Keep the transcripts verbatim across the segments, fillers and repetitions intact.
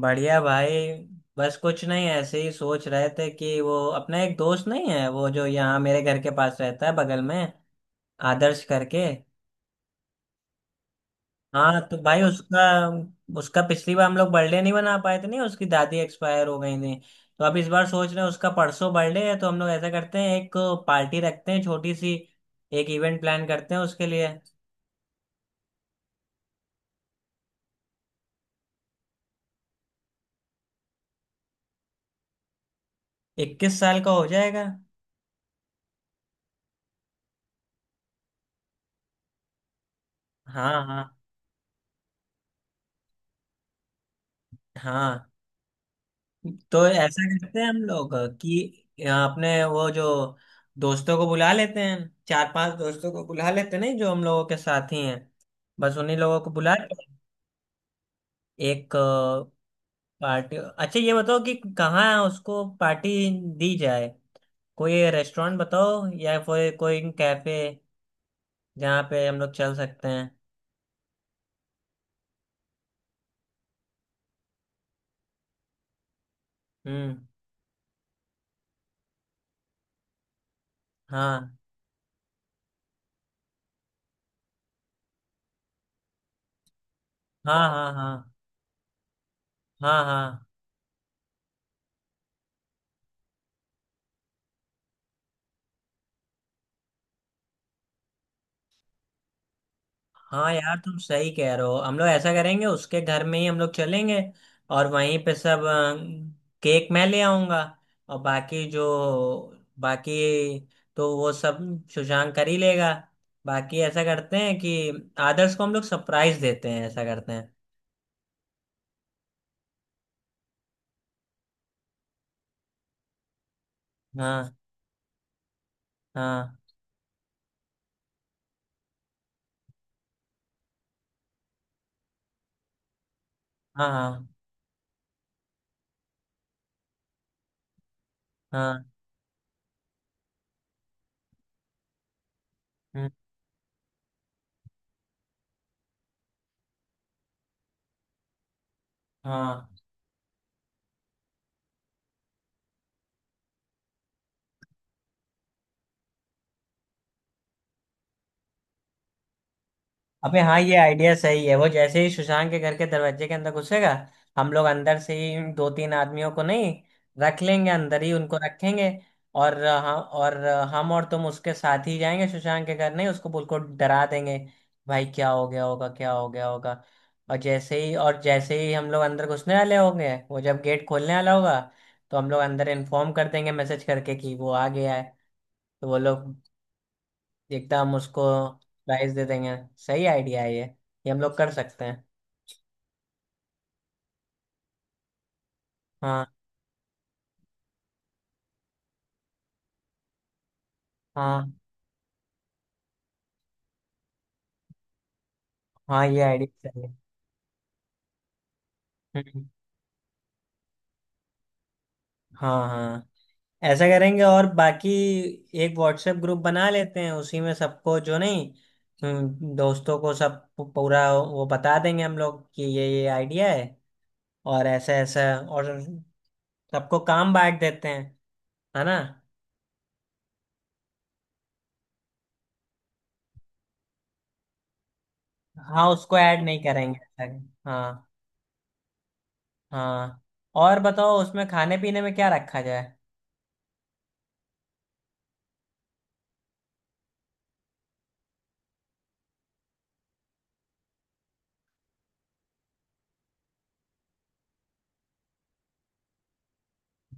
बढ़िया भाई। बस कुछ नहीं, ऐसे ही सोच रहे थे कि वो अपना एक दोस्त नहीं है, वो जो यहाँ मेरे घर के पास रहता है, बगल में, आदर्श करके। हाँ तो भाई उसका उसका पिछली बार हम लोग बर्थडे नहीं बना पाए थे, नहीं उसकी दादी एक्सपायर हो गई थी। तो अब इस बार सोच रहे हैं, उसका परसों बर्थडे है, तो हम लोग ऐसा करते हैं एक पार्टी रखते हैं छोटी सी, एक इवेंट प्लान करते हैं उसके लिए। इक्कीस साल का हो जाएगा। हाँ हाँ हाँ, तो ऐसा करते हैं हम लोग कि अपने वो जो दोस्तों को बुला लेते हैं, चार पांच दोस्तों को बुला लेते हैं, नहीं जो हम लोगों के साथी हैं, बस उन्हीं लोगों को बुला के एक पार्टी। अच्छा ये बताओ कि कहाँ उसको पार्टी दी जाए, कोई रेस्टोरेंट बताओ या कोई कोई कैफे जहाँ पे हम लोग चल सकते हैं। हम्म। हाँ हाँ हाँ। हाँ हाँ हाँ हाँ यार तुम सही कह रहे हो, हम लोग ऐसा करेंगे, उसके घर में ही हम लोग चलेंगे। और वहीं पे सब अ, केक मैं ले आऊंगा और बाकी जो बाकी तो वो सब सुशांक कर ही लेगा। बाकी ऐसा करते हैं कि आदर्श को हम लोग सरप्राइज देते हैं, ऐसा करते हैं। हाँ हाँ हाँ। हाँ हाँ। हम्म। हाँ। अबे हाँ, ये आइडिया सही है, वो जैसे ही सुशांत के घर के दरवाजे के अंदर घुसेगा, हम लोग अंदर से ही दो तीन आदमियों को नहीं रख लेंगे, अंदर ही उनको रखेंगे। और हम और हम और तुम उसके साथ ही जाएंगे सुशांत के घर, नहीं उसको बिल्कुल डरा देंगे, भाई क्या हो गया होगा क्या हो गया होगा। और जैसे ही और जैसे ही हम लोग अंदर घुसने वाले होंगे, वो जब गेट खोलने वाला होगा, तो हम लोग अंदर इन्फॉर्म कर देंगे, मैसेज करके कि वो आ गया है, तो वो लोग एकदम हम उसको प्राइस दे देंगे। सही आइडिया है ये ये हम लोग कर सकते हैं। हाँ हाँ हाँ, ये आइडिया सही है। हम्म। हाँ हाँ, ऐसा करेंगे। और बाकी एक व्हाट्सएप ग्रुप बना लेते हैं, उसी में सबको जो नहीं, हम्म, दोस्तों को सब पू- पूरा वो बता देंगे हम लोग कि ये ये आइडिया है और ऐसा ऐसा, और सबको काम बांट देते हैं, है ना। हाँ उसको ऐड नहीं करेंगे। हाँ। हाँ और बताओ उसमें खाने पीने में क्या रखा जाए।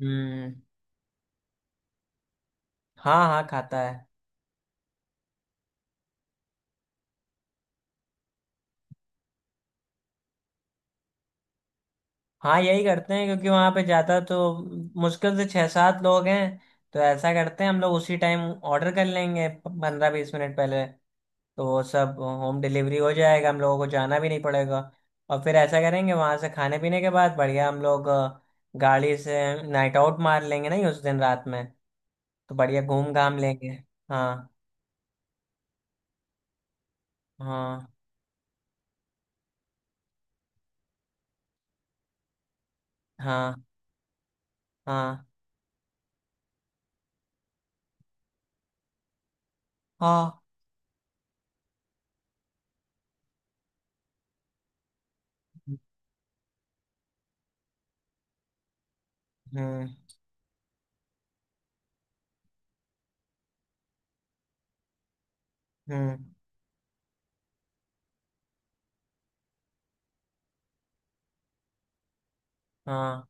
हम्म। हाँ हाँ खाता है। हाँ यही करते हैं क्योंकि वहां पे ज्यादा तो मुश्किल से छह सात लोग हैं। तो ऐसा करते हैं हम लोग उसी टाइम ऑर्डर कर लेंगे पंद्रह बीस मिनट पहले, तो वो सब होम डिलीवरी हो जाएगा, हम लोगों को जाना भी नहीं पड़ेगा। और फिर ऐसा करेंगे वहां से खाने पीने के बाद बढ़िया हम लोग अ, गाड़ी से नाइट आउट मार लेंगे, नहीं उस दिन रात में, तो बढ़िया घूम घाम लेंगे। हाँ हाँ हाँ। हाँ हाँ। हम्म। हम्म। हाँ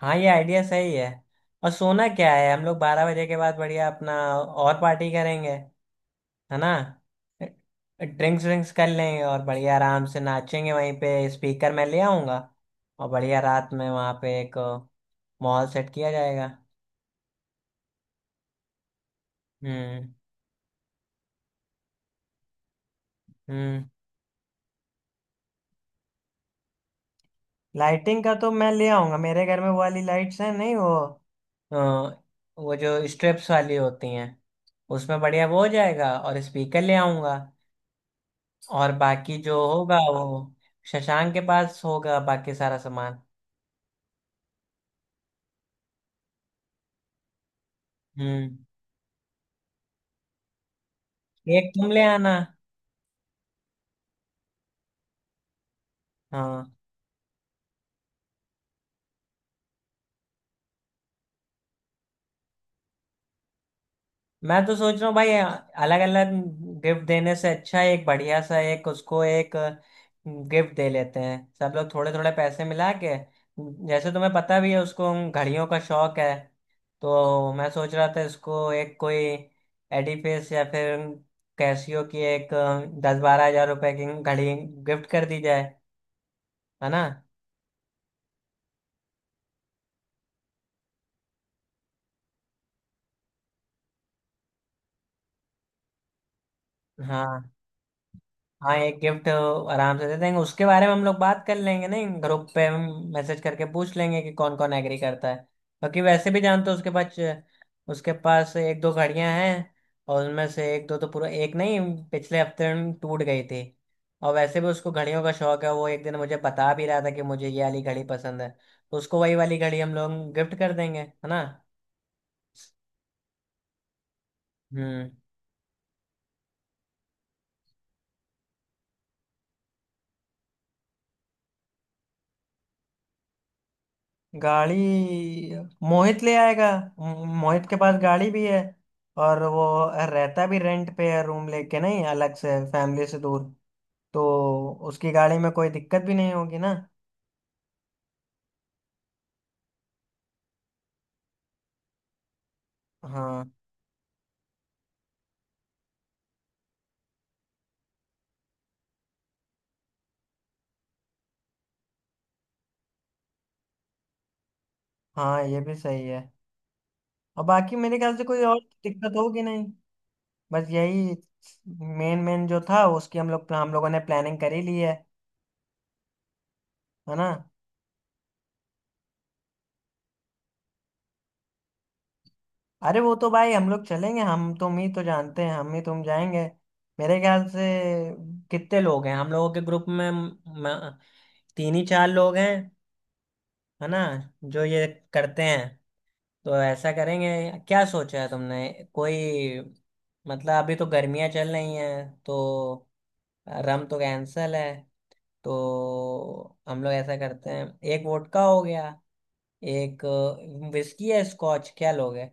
हाँ ये आइडिया सही है। और सोना क्या है, हम लोग बारह बजे के बाद बढ़िया अपना और पार्टी करेंगे, है ना। ड्रिंक्स ड्रिंक्स कर लेंगे और बढ़िया आराम से नाचेंगे वहीं पे। स्पीकर मैं ले आऊंगा और बढ़िया रात में वहाँ पे एक मॉल सेट किया जाएगा। हम्म। हम्म। लाइटिंग का तो मैं ले आऊंगा, मेरे घर में वो वाली लाइट्स हैं नहीं वो, अ, वो जो स्ट्रिप्स वाली होती हैं, उसमें बढ़िया वो हो जाएगा, और स्पीकर ले आऊंगा। और बाकी जो होगा वो शशांक के पास होगा, बाकी सारा सामान। हम्म। एक तुम ले आना। हाँ मैं तो सोच रहा हूँ भाई, अलग अलग गिफ्ट देने से अच्छा है एक बढ़िया सा एक उसको एक गिफ्ट दे लेते हैं, सब लोग थोड़े थोड़े पैसे मिला के। जैसे तुम्हें पता भी है उसको घड़ियों का शौक है, तो मैं सोच रहा था इसको एक कोई एडिफिस या फिर कैसियो की एक दस बारह हजार रुपए की घड़ी गिफ्ट कर दी जाए, है ना। हाँ, हाँ एक गिफ्ट आराम से दे देंगे, उसके बारे में हम लोग बात कर लेंगे नहीं ग्रुप पे, हम मैसेज करके पूछ लेंगे कि कौन कौन एग्री करता है। क्योंकि वैसे भी जानते हो उसके पास उसके पास एक दो घड़ियां हैं, और उनमें से एक दो तो पूरा एक नहीं, पिछले हफ्ते टूट गई थी। और वैसे भी उसको घड़ियों का शौक है, वो एक दिन मुझे बता भी रहा था कि मुझे ये वाली घड़ी पसंद है, तो उसको वही वाली घड़ी हम लोग गिफ्ट कर देंगे, है ना। हम्म। गाड़ी मोहित ले आएगा, मो- मोहित के पास गाड़ी भी है, और वो रहता भी रेंट पे है रूम लेके, नहीं अलग से फैमिली से दूर, तो उसकी गाड़ी में कोई दिक्कत भी नहीं होगी ना। हाँ। हाँ ये भी सही है, और बाकी मेरे ख्याल से कोई और दिक्कत होगी नहीं, बस यही मेन मेन जो था उसकी हम लोग हम लोगों ने प्लानिंग कर ही ली है है ना। अरे वो तो भाई हम लोग चलेंगे, हम तुम ही तो जानते हैं, हम ही तुम जाएंगे, मेरे ख्याल से कितने लोग हैं हम लोगों के ग्रुप में, म, तीन ही चार लोग हैं, है ना, जो ये करते हैं, तो ऐसा करेंगे। क्या सोचा है तुमने, कोई, मतलब अभी तो गर्मियां चल रही हैं, तो रम तो कैंसल है, तो हम लोग ऐसा करते हैं, एक वोडका हो गया, एक विस्की है, स्कॉच क्या लोगे।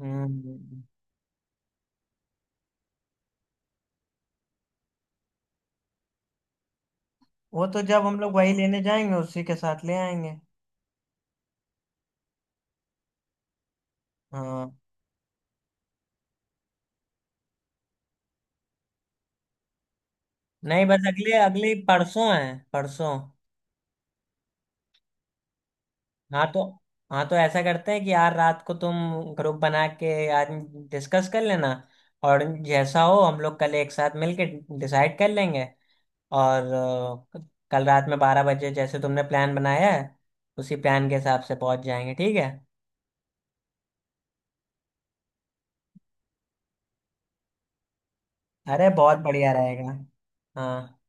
हम्म। वो तो जब हम लोग वही लेने जाएंगे उसी के साथ ले आएंगे। हाँ। नहीं बस अगले अगले परसों है। परसों। हाँ तो हाँ तो ऐसा करते हैं कि यार रात को तुम ग्रुप बना के यार डिस्कस कर लेना, और जैसा हो हम लोग कल एक साथ मिलके डिसाइड कर लेंगे, और अ, कल रात में बारह बजे जैसे तुमने प्लान बनाया है, उसी प्लान के हिसाब से पहुंच जाएंगे, ठीक है। अरे बहुत बढ़िया रहेगा। हाँ।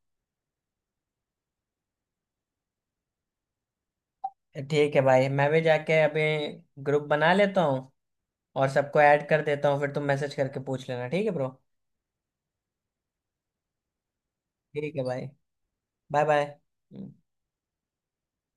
ठीक है भाई, मैं भी जाके अभी ग्रुप बना लेता हूँ और सबको ऐड कर देता हूँ, फिर तुम मैसेज करके पूछ लेना, ठीक है ब्रो। ठीक है भाई। Bye bye.